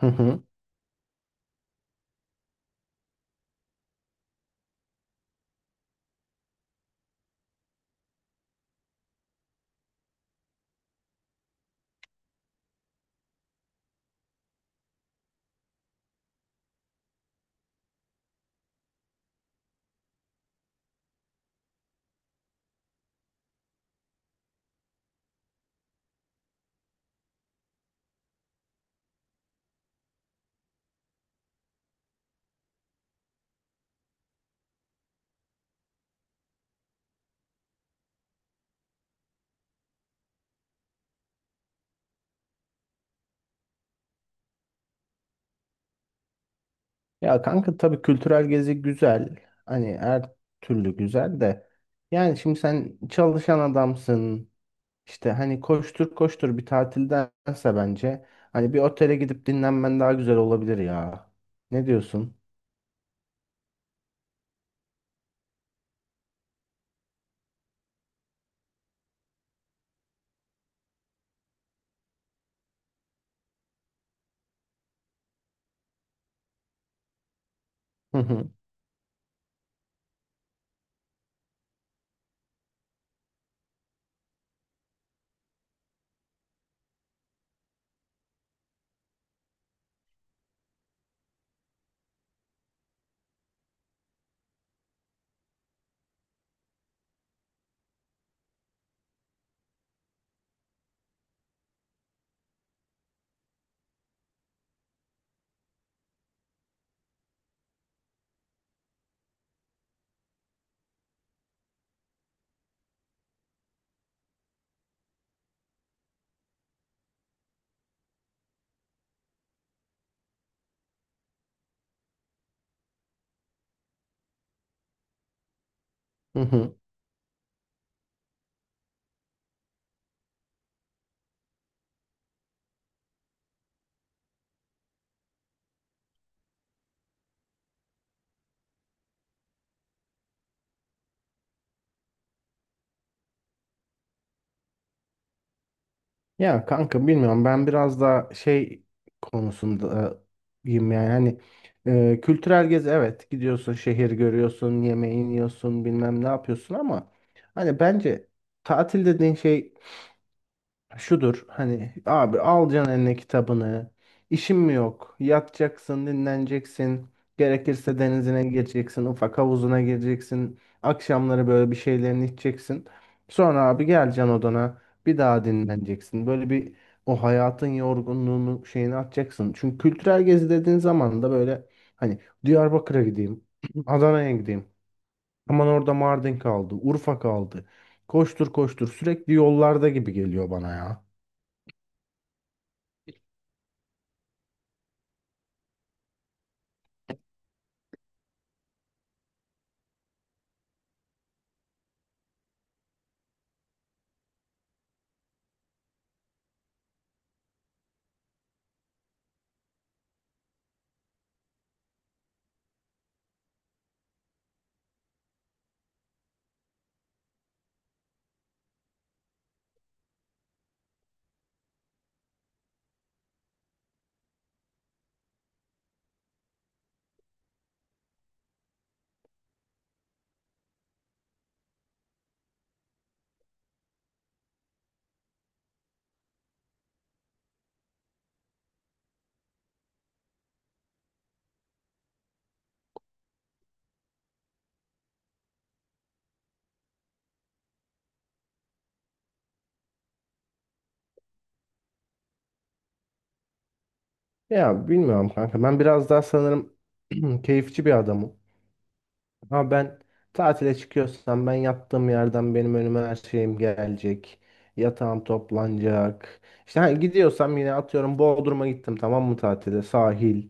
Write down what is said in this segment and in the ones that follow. Hı hı. Ya kanka tabii kültürel gezi güzel. Hani her türlü güzel de. Yani şimdi sen çalışan adamsın. İşte hani koştur koştur bir tatildense bence hani bir otele gidip dinlenmen daha güzel olabilir ya. Ne diyorsun? Hı hı. Hı hı. Ya kanka bilmiyorum, ben biraz daha şey konusundayım, yani hani kültürel gezi, evet, gidiyorsun, şehir görüyorsun, yemeğini yiyorsun, bilmem ne yapıyorsun ama hani bence tatil dediğin şey şudur: hani abi alacaksın eline kitabını. İşin mi yok? Yatacaksın, dinleneceksin. Gerekirse denizine gireceksin, ufak havuzuna gireceksin. Akşamları böyle bir şeylerini içeceksin. Sonra abi geleceksin odana. Bir daha dinleneceksin. Böyle bir o hayatın yorgunluğunu şeyini atacaksın. Çünkü kültürel gezi dediğin zaman da böyle hani Diyarbakır'a gideyim, Adana'ya gideyim. Aman orada Mardin kaldı, Urfa kaldı. Koştur koştur sürekli yollarda gibi geliyor bana ya. Ya bilmiyorum kanka. Ben biraz daha sanırım keyifçi bir adamım. Ama ben tatile çıkıyorsam ben yattığım yerden benim önüme her şeyim gelecek. Yatağım toplanacak. İşte hani gidiyorsam, yine atıyorum, Bodrum'a gittim, tamam mı, tatile, sahil.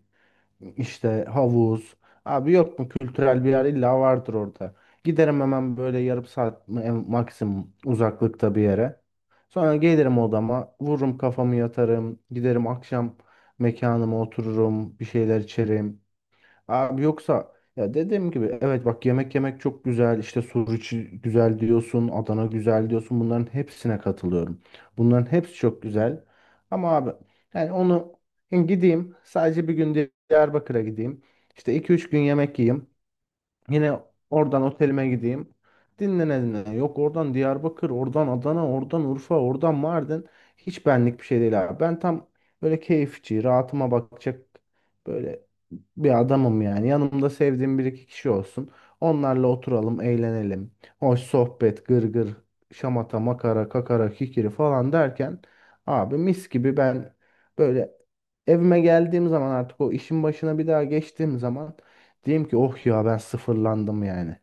İşte havuz. Abi yok mu kültürel bir yer? İlla vardır orada. Giderim hemen, böyle yarım saat mi- en maksimum uzaklıkta bir yere. Sonra gelirim odama, vururum kafamı, yatarım, giderim akşam mekanıma, otururum, bir şeyler içerim. Abi yoksa ya, dediğim gibi, evet, bak, yemek yemek çok güzel, işte Suriçi güzel diyorsun, Adana güzel diyorsun, bunların hepsine katılıyorum. Bunların hepsi çok güzel ama abi, yani onu, gideyim sadece bir gün Diyarbakır'a gideyim, işte iki üç gün yemek yiyeyim, yine oradan otelime gideyim. Dinlene dinlene. Yok oradan Diyarbakır, oradan Adana, oradan Urfa, oradan Mardin. Hiç benlik bir şey değil abi. Ben tam böyle keyifçi, rahatıma bakacak böyle bir adamım yani. Yanımda sevdiğim bir iki kişi olsun. Onlarla oturalım, eğlenelim. Hoş sohbet, gırgır, şamata, makara, kakara, kikiri falan derken abi mis gibi ben böyle evime geldiğim zaman, artık o işin başına bir daha geçtiğim zaman diyeyim ki oh ya, ben sıfırlandım yani.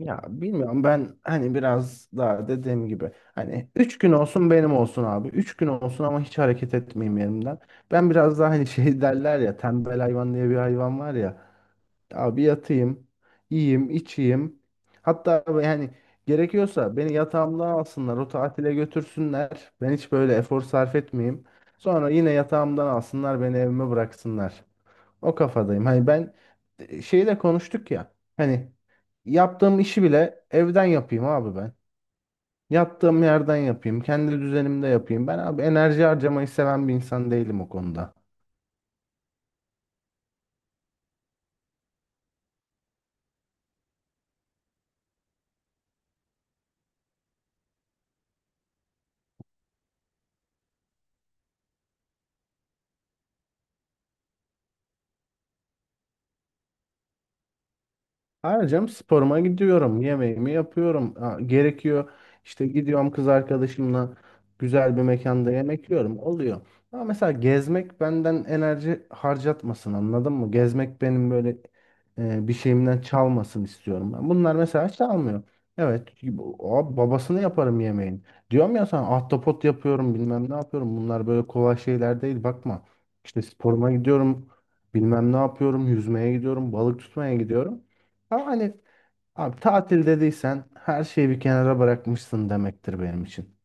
Ya bilmiyorum, ben hani biraz daha dediğim gibi hani 3 gün olsun benim olsun abi. Üç gün olsun ama hiç hareket etmeyeyim yerimden. Ben biraz daha hani şey derler ya, tembel hayvan diye bir hayvan var ya. Abi yatayım, yiyeyim, içeyim. Hatta yani gerekiyorsa beni yatağımda alsınlar, o tatile götürsünler. Ben hiç böyle efor sarf etmeyeyim. Sonra yine yatağımdan alsınlar, beni evime bıraksınlar. O kafadayım. Hani ben şeyi de konuştuk ya. Hani yaptığım işi bile evden yapayım abi ben. Yattığım yerden yapayım. Kendi düzenimde yapayım. Ben abi enerji harcamayı seven bir insan değilim o konuda. Harcam sporuma gidiyorum. Yemeğimi yapıyorum. Ha, gerekiyor. İşte gidiyorum kız arkadaşımla güzel bir mekanda yemek yiyorum. Oluyor. Ama mesela gezmek benden enerji harcatmasın, anladın mı? Gezmek benim böyle bir şeyimden çalmasın istiyorum. Ben. Bunlar mesela çalmıyor. Evet, bu- o babasını yaparım yemeğin. Diyorum ya sana, ahtapot yapıyorum, bilmem ne yapıyorum. Bunlar böyle kolay şeyler değil, bakma. İşte sporuma gidiyorum. Bilmem ne yapıyorum. Yüzmeye gidiyorum. Balık tutmaya gidiyorum. Ama hani abi tatil dediysen her şeyi bir kenara bırakmışsın demektir benim için.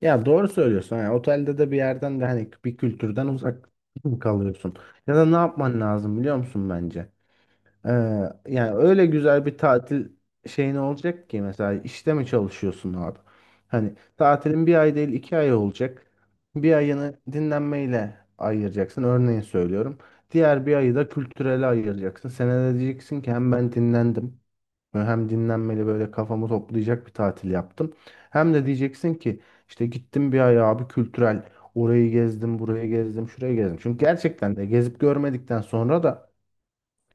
Ya doğru söylüyorsun. Yani otelde de bir yerden de hani bir kültürden uzak kalıyorsun. Ya da ne yapman lazım biliyor musun bence? Ee, yani öyle güzel bir tatil şeyin olacak ki, mesela işte mi çalışıyorsun abi? Hani tatilin bir ay değil, iki ay olacak. Bir ayını dinlenmeyle ayıracaksın. Örneğin söylüyorum. Diğer bir ayı da kültürele ayıracaksın. Sen de diyeceksin ki hem ben dinlendim. Böyle hem dinlenmeli böyle kafamı toplayacak bir tatil yaptım. Hem de diyeceksin ki işte gittim bir ay abi kültürel. Orayı gezdim, burayı gezdim, şurayı gezdim. Çünkü gerçekten de gezip görmedikten sonra da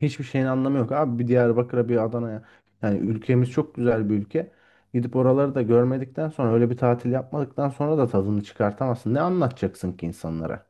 hiçbir şeyin anlamı yok. Abi bir Diyarbakır'a, bir Adana'ya. Yani ülkemiz çok güzel bir ülke. Gidip oraları da görmedikten sonra, öyle bir tatil yapmadıktan sonra da tadını çıkartamazsın. Ne anlatacaksın ki insanlara?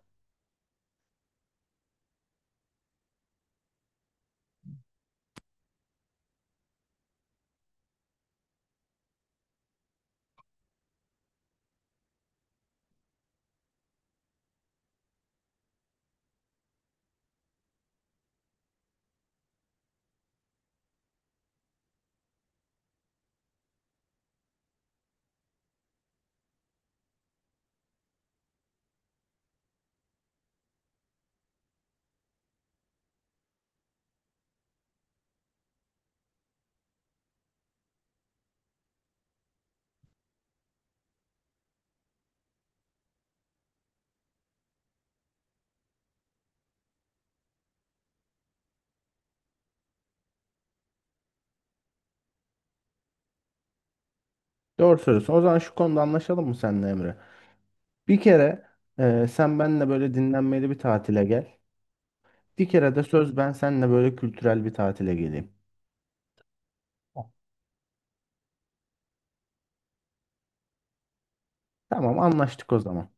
Doğru söylüyorsun. O zaman şu konuda anlaşalım mı seninle Emre? Bir kere sen benimle böyle dinlenmeli bir tatile gel. Bir kere de söz, ben seninle böyle kültürel bir tatile geleyim. Tamam, anlaştık o zaman.